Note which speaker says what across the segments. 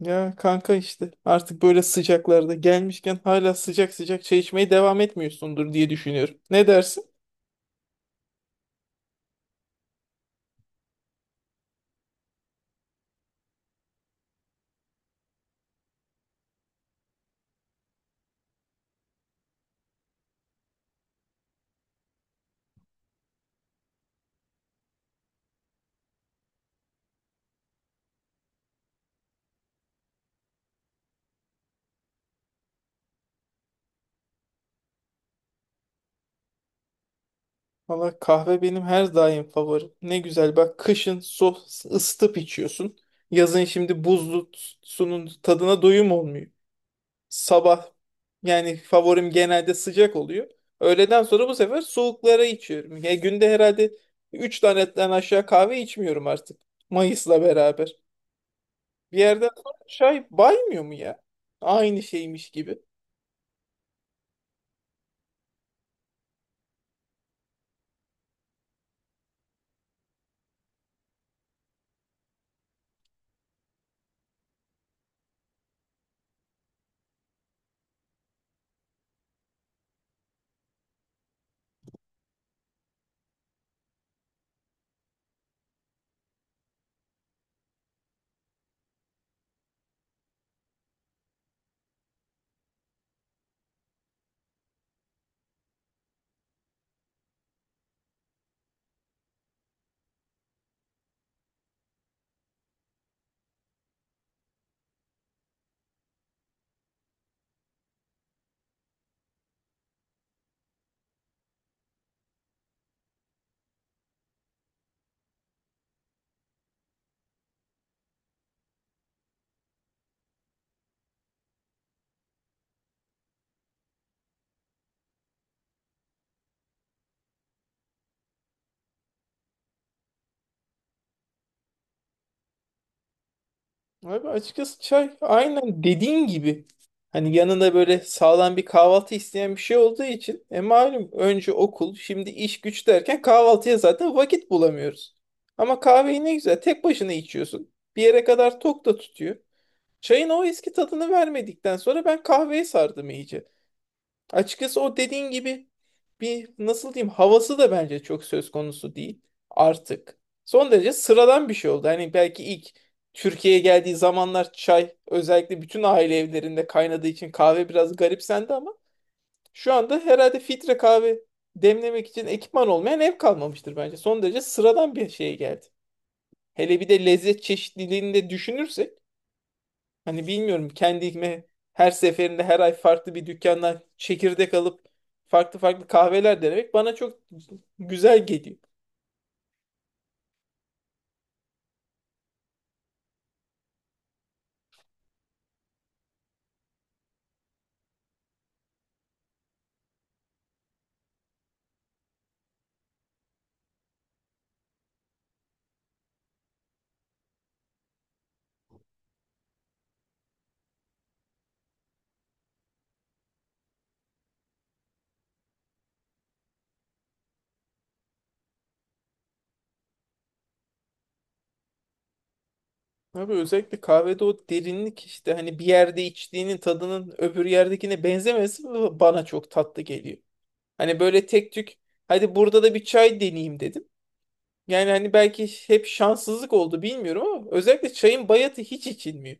Speaker 1: Ya kanka, işte artık böyle sıcaklarda gelmişken hala sıcak sıcak çay içmeye devam etmiyorsundur diye düşünüyorum. Ne dersin? Valla kahve benim her daim favorim. Ne güzel, bak kışın soğuk ısıtıp içiyorsun. Yazın şimdi buzlu sunun tadına doyum olmuyor. Sabah yani favorim genelde sıcak oluyor. Öğleden sonra bu sefer soğuklara içiyorum. Ya günde herhalde 3 tanetten aşağı kahve içmiyorum artık. Mayıs'la beraber. Bir yerden sonra çay baymıyor mu ya? Aynı şeymiş gibi. Abi açıkçası çay aynen dediğin gibi. Hani yanında böyle sağlam bir kahvaltı isteyen bir şey olduğu için malum önce okul, şimdi iş güç derken kahvaltıya zaten vakit bulamıyoruz. Ama kahveyi ne güzel tek başına içiyorsun. Bir yere kadar tok da tutuyor. Çayın o eski tadını vermedikten sonra ben kahveye sardım iyice. Açıkçası o dediğin gibi bir, nasıl diyeyim, havası da bence çok söz konusu değil artık. Son derece sıradan bir şey oldu. Hani belki ilk Türkiye'ye geldiği zamanlar çay özellikle bütün aile evlerinde kaynadığı için kahve biraz garipsendi ama şu anda herhalde filtre kahve demlemek için ekipman olmayan ev kalmamıştır bence. Son derece sıradan bir şeye geldi. Hele bir de lezzet çeşitliliğini de düşünürsek hani bilmiyorum, kendime her seferinde, her ay farklı bir dükkandan çekirdek alıp farklı farklı kahveler denemek bana çok güzel geliyor. Abi özellikle kahvede o derinlik, işte hani bir yerde içtiğinin tadının öbür yerdekine benzemesi bana çok tatlı geliyor. Hani böyle tek tük hadi burada da bir çay deneyeyim dedim. Yani hani belki hep şanssızlık oldu bilmiyorum ama özellikle çayın bayatı hiç içilmiyor.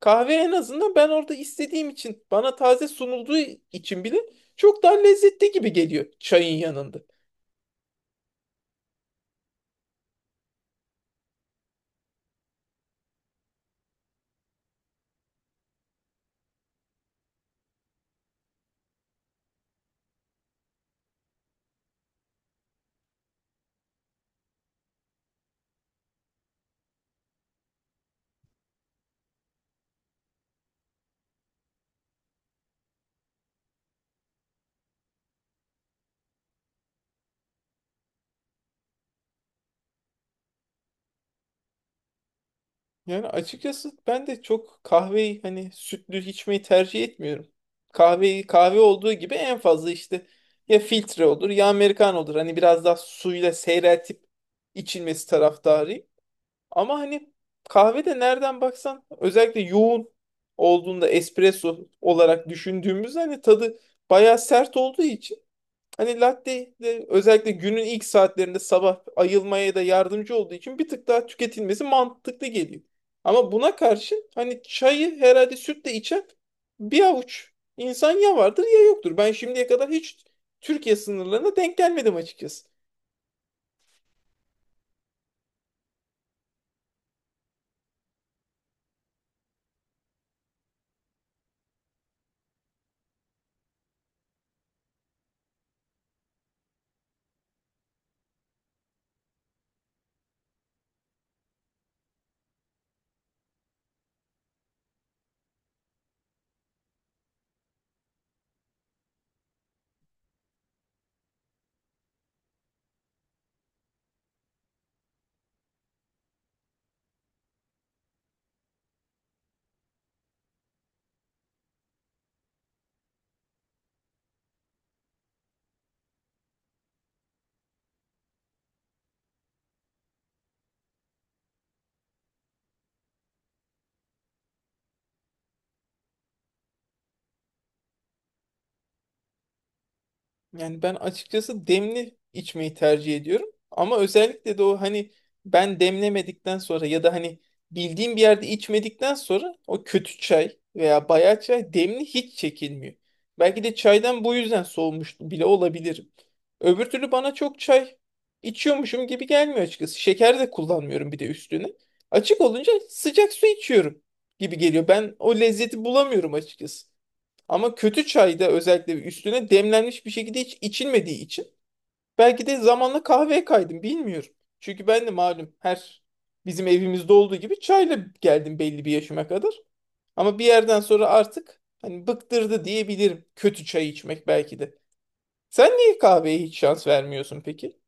Speaker 1: Kahve en azından ben orada istediğim için, bana taze sunulduğu için bile çok daha lezzetli gibi geliyor çayın yanında. Yani açıkçası ben de çok kahveyi hani sütlü içmeyi tercih etmiyorum. Kahveyi kahve olduğu gibi, en fazla işte ya filtre olur ya Amerikan olur. Hani biraz daha suyla seyreltip içilmesi taraftarıyım. Ama hani kahvede nereden baksan, özellikle yoğun olduğunda espresso olarak düşündüğümüz, hani tadı bayağı sert olduğu için, hani latte de özellikle günün ilk saatlerinde sabah ayılmaya da yardımcı olduğu için bir tık daha tüketilmesi mantıklı geliyor. Ama buna karşın hani çayı herhalde sütle içen bir avuç insan ya vardır ya yoktur. Ben şimdiye kadar hiç Türkiye sınırlarına denk gelmedim açıkçası. Yani ben açıkçası demli içmeyi tercih ediyorum. Ama özellikle de o hani ben demlemedikten sonra ya da hani bildiğim bir yerde içmedikten sonra o kötü çay veya bayağı çay demli hiç çekilmiyor. Belki de çaydan bu yüzden soğumuş bile olabilirim. Öbür türlü bana çok çay içiyormuşum gibi gelmiyor açıkçası. Şeker de kullanmıyorum bir de üstüne. Açık olunca sıcak su içiyorum gibi geliyor. Ben o lezzeti bulamıyorum açıkçası. Ama kötü çayda özellikle üstüne demlenmiş bir şekilde hiç içilmediği için belki de zamanla kahveye kaydım bilmiyorum. Çünkü ben de malum, her bizim evimizde olduğu gibi çayla geldim belli bir yaşıma kadar. Ama bir yerden sonra artık hani bıktırdı diyebilirim kötü çay içmek belki de. Sen niye kahveye hiç şans vermiyorsun peki?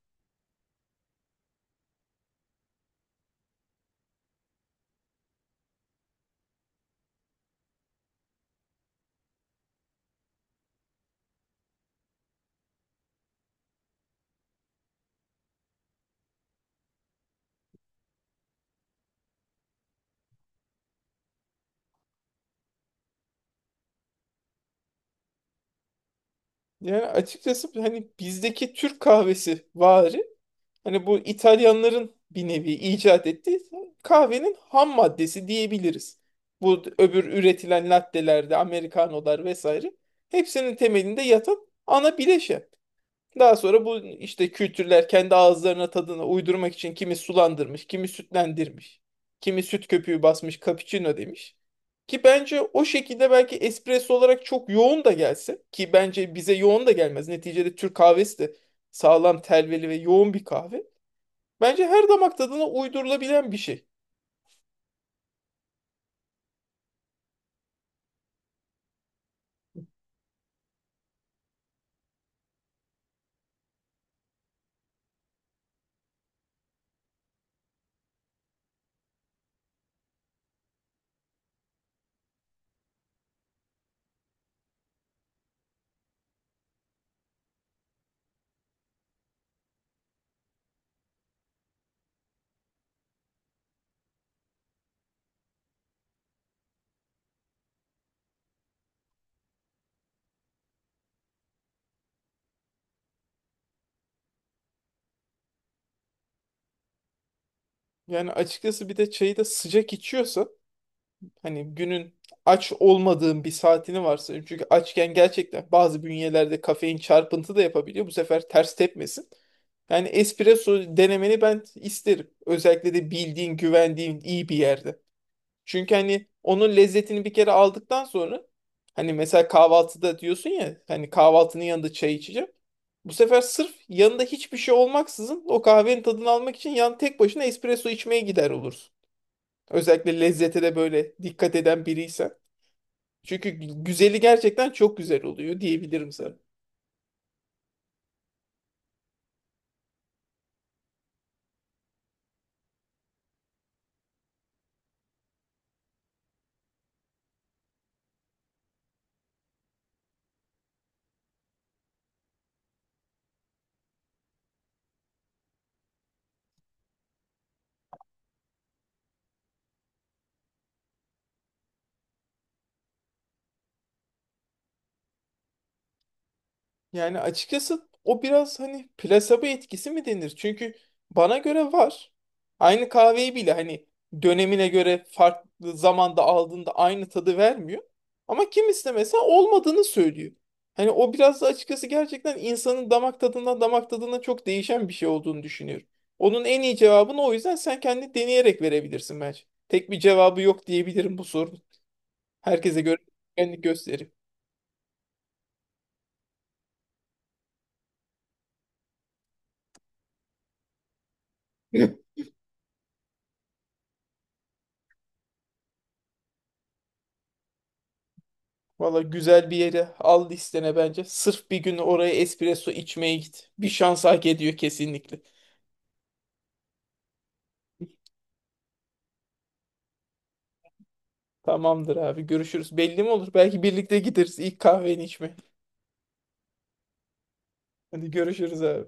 Speaker 1: Yani açıkçası hani bizdeki Türk kahvesi vari, hani bu İtalyanların bir nevi icat ettiği kahvenin ham maddesi diyebiliriz. Bu öbür üretilen lattelerde, amerikanolar vesaire, hepsinin temelinde yatan ana bileşen. Daha sonra bu işte kültürler kendi ağızlarına, tadına uydurmak için kimi sulandırmış, kimi sütlendirmiş, kimi süt köpüğü basmış, cappuccino demiş. Ki bence o şekilde, belki espresso olarak çok yoğun da gelse, ki bence bize yoğun da gelmez. Neticede Türk kahvesi de sağlam, telveli ve yoğun bir kahve. Bence her damak tadına uydurulabilen bir şey. Yani açıkçası bir de çayı da sıcak içiyorsa, hani günün aç olmadığın bir saatini varsa, çünkü açken gerçekten bazı bünyelerde kafein çarpıntı da yapabiliyor. Bu sefer ters tepmesin. Yani espresso denemeni ben isterim. Özellikle de bildiğin, güvendiğin iyi bir yerde. Çünkü hani onun lezzetini bir kere aldıktan sonra, hani mesela kahvaltıda diyorsun ya, hani kahvaltının yanında çay içeceğim. Bu sefer sırf yanında hiçbir şey olmaksızın o kahvenin tadını almak için yan tek başına espresso içmeye gider olursun. Özellikle lezzete de böyle dikkat eden biriysen. Çünkü güzeli gerçekten çok güzel oluyor diyebilirim sana. Yani açıkçası o biraz hani plasebo etkisi mi denir? Çünkü bana göre var. Aynı kahveyi bile hani dönemine göre farklı zamanda aldığında aynı tadı vermiyor. Ama kimisi de mesela olmadığını söylüyor. Hani o biraz da açıkçası gerçekten insanın damak tadından damak tadına çok değişen bir şey olduğunu düşünüyorum. Onun en iyi cevabını o yüzden sen kendi deneyerek verebilirsin bence. Tek bir cevabı yok diyebilirim bu sorunun. Herkese göre kendi gösterim. Valla güzel bir yere al listene bence. Sırf bir gün oraya espresso içmeye git. Bir şans hak ediyor kesinlikle. Tamamdır abi, görüşürüz. Belli mi olur? Belki birlikte gideriz ilk kahveni içmeye. Hadi görüşürüz abi.